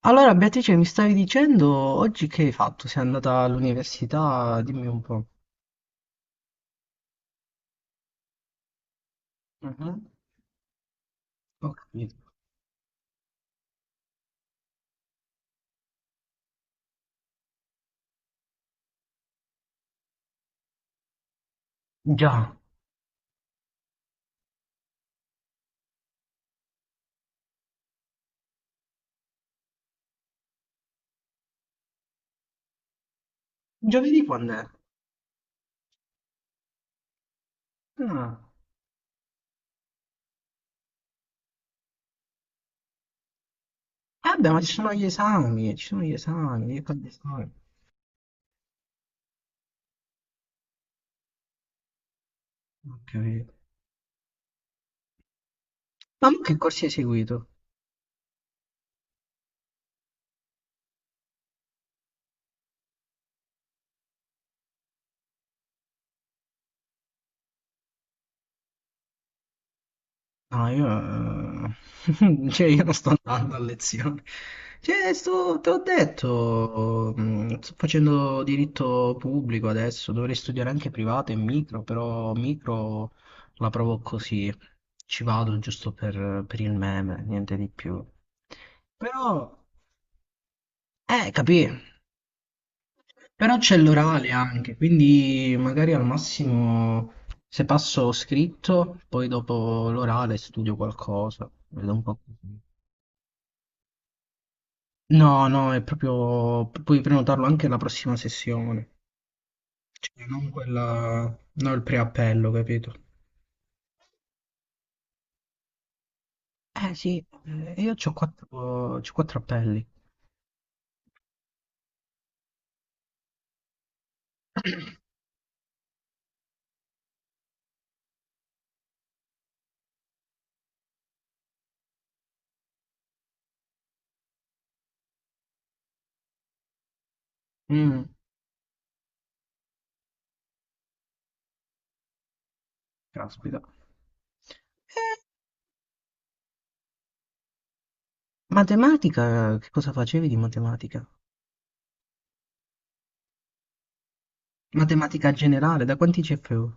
Allora, Beatrice, mi stavi dicendo oggi che hai fatto? Sei andata all'università? Dimmi un po'. Mhm. Ho capito. Già. Giovedì quando è? Ah. Eh beh, ma ci sono gli esami, ci sono gli esami, io quando esami. Ho capito. Ma mo che corsi hai seguito? No, io... cioè, io non sto andando a lezione. Cioè, te l'ho detto, sto facendo diritto pubblico adesso, dovrei studiare anche privato e micro, però micro la provo così, ci vado giusto per il meme, niente di più. Però, capì? Però c'è l'orale anche, quindi magari al massimo se passo scritto, poi dopo l'orale studio qualcosa, vedo un po', così. No, no, è proprio, puoi prenotarlo anche la prossima sessione. Cioè, non quella... non il preappello, capito? Eh sì, io ho quattro, c'ho quattro appelli. Mm, caspita. Eh, matematica, che cosa facevi di matematica? Matematica generale, da quanti CFU?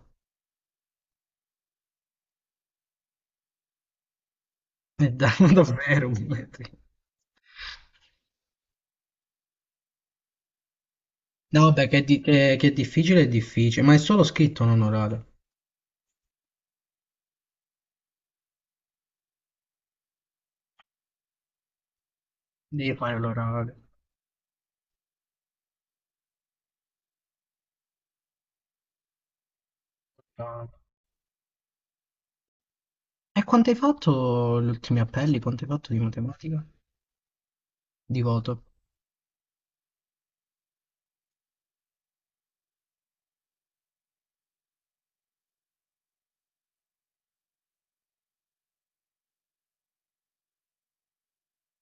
Davvero, metri. No, vabbè, che è difficile, ma è solo scritto, non orale. Devi fare l'orale. Ah, e quanto hai fatto gli ultimi appelli? Quanto hai fatto di matematica? Di voto?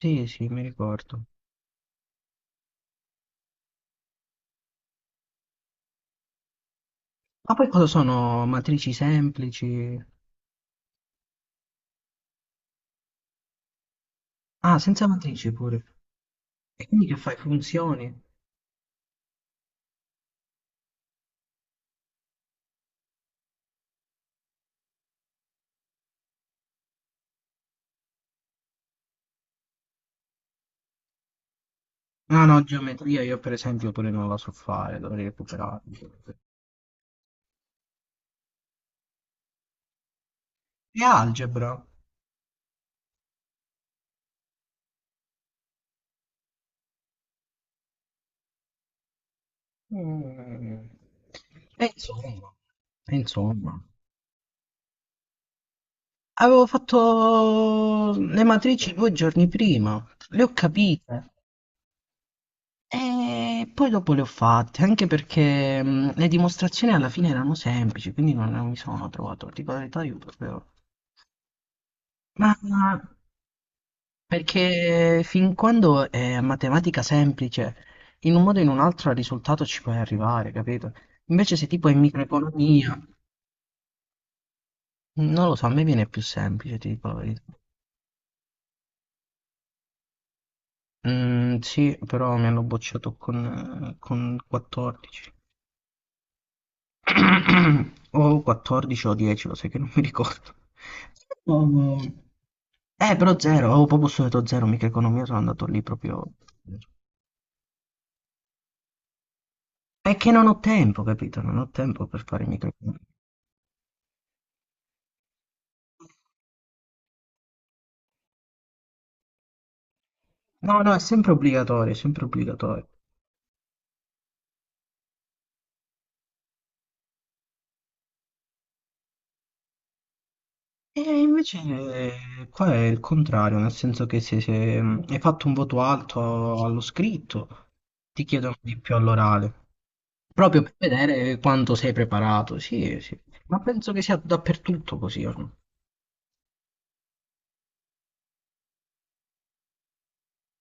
Sì, sì, mi ricordo. Ma poi cosa sono matrici semplici? Ah, senza matrici pure. E quindi che fai? Funzioni? No, no, geometria io per esempio pure non la so fare, dovrei recuperare. E algebra? Mm. E insomma, e insomma. Avevo fatto le matrici 2 giorni prima, le ho capite e poi dopo le ho fatte, anche perché le dimostrazioni alla fine erano semplici, quindi non mi sono trovato, tipo la verità io proprio. Ma perché fin quando è matematica semplice, in un modo o in un altro al risultato ci puoi arrivare, capito? Invece se tipo è microeconomia, non lo so, a me viene più semplice, ti dico la verità. Mm, sì, però mi hanno bocciato con 14. O 14 o 10, lo sai che non mi ricordo. Oh, però zero, avevo proprio studiato zero microeconomia, sono andato lì proprio. È che non ho tempo, capito? Non ho tempo per fare i microfilm. No, no, è sempre obbligatorio, è sempre obbligatorio. E invece qua è il contrario, nel senso che se, hai fatto un voto alto allo scritto, ti chiedono di più all'orale, proprio per vedere quanto sei preparato. Sì, sì. Ma penso che sia dappertutto così ormai.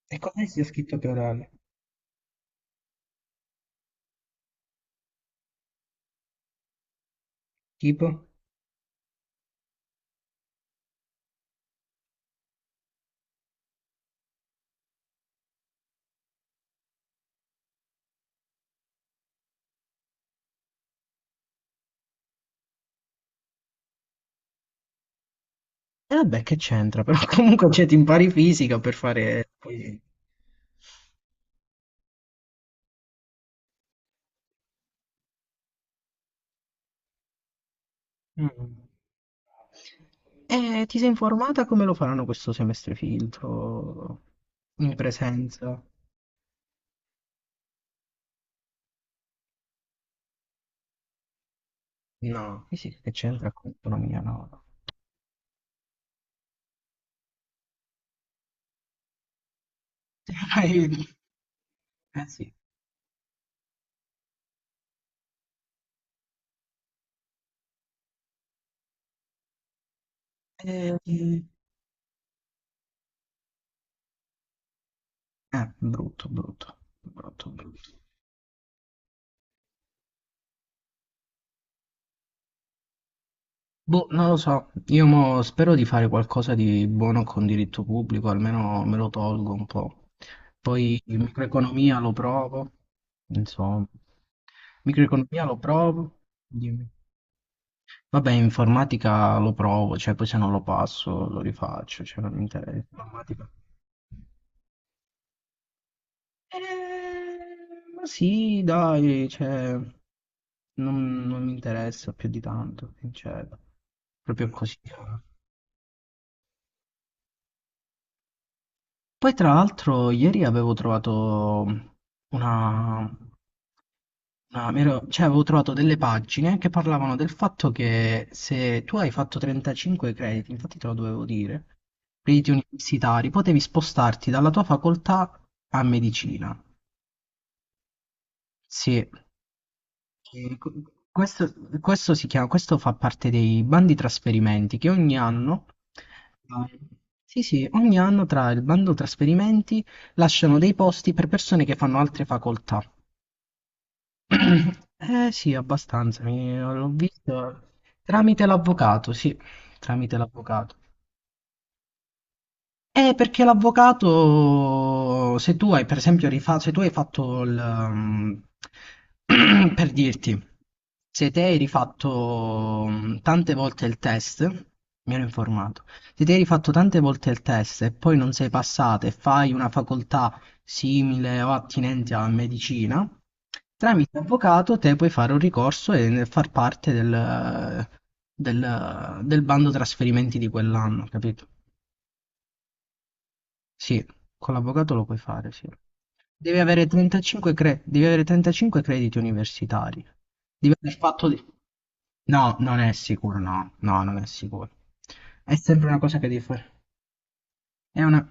E cos'è sia scritto che orale? Tipo? E vabbè, che c'entra, però comunque cioè, ti impari fisica per fare poesia. Mm. E ti sei informata come lo faranno questo semestre filtro in presenza? No, sì, sì, che c'entra con l'economia, no. No. Eh sì. Eh, brutto, brutto, brutto, brutto. Boh, non lo so, io mo spero di fare qualcosa di buono con diritto pubblico, almeno me lo tolgo un po'. Poi microeconomia lo provo, insomma. Microeconomia lo provo, dimmi. Vabbè, in informatica lo provo, cioè poi se non lo passo lo rifaccio, cioè non mi interessa. Informatica. Ma sì, dai, cioè, non mi interessa più di tanto, cioè, proprio così. Poi tra l'altro ieri avevo trovato una, cioè avevo trovato delle pagine che parlavano del fatto che se tu hai fatto 35 crediti, infatti te lo dovevo dire, riti universitari, potevi spostarti dalla tua facoltà a medicina. Sì, e questo, questo si chiama, questo fa parte dei bandi trasferimenti che ogni anno, eh, sì, sì, ogni anno tra il bando trasferimenti lasciano dei posti per persone che fanno altre facoltà. Eh sì, abbastanza, l'ho visto tramite l'avvocato, sì, tramite l'avvocato. Perché l'avvocato, se tu hai per esempio rifatto, se tu hai fatto il, per dirti, se te hai rifatto tante volte il test, mi ero informato, se te hai rifatto tante volte il test e poi non sei passato e fai una facoltà simile o attinente alla medicina, tramite avvocato te puoi fare un ricorso e far parte del bando trasferimenti di quell'anno, capito? Sì, con l'avvocato lo puoi fare, sì. Devi avere 35, devi avere 35 crediti universitari. Devi aver fatto di. No, non è sicuro, no, no, non è sicuro. È sempre una cosa che devi fare. È una.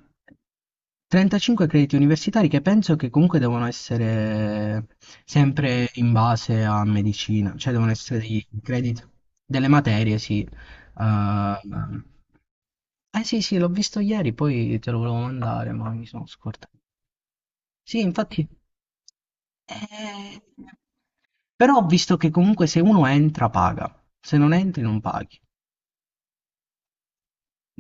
35 crediti universitari che penso che comunque devono essere sempre in base a medicina, cioè devono essere dei crediti, delle materie, sì. eh eh sì, sì, l'ho visto ieri, poi te lo volevo mandare, ma mi sono scordato. Sì, infatti ehm, però ho visto che comunque se uno entra paga, se non entri non paghi.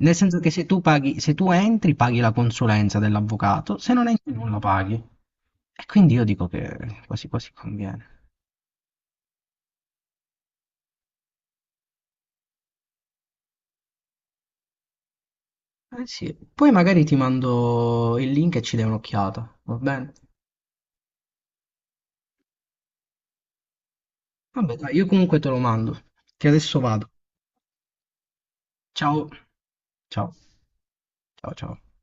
Nel senso che se tu paghi, se tu entri paghi la consulenza dell'avvocato, se non entri non la paghi. E quindi io dico che quasi quasi conviene. Eh sì, poi magari ti mando il link e ci dai un'occhiata, va bene? Vabbè, dai, io comunque te lo mando, che adesso vado. Ciao. Ciao. Ciao, ciao.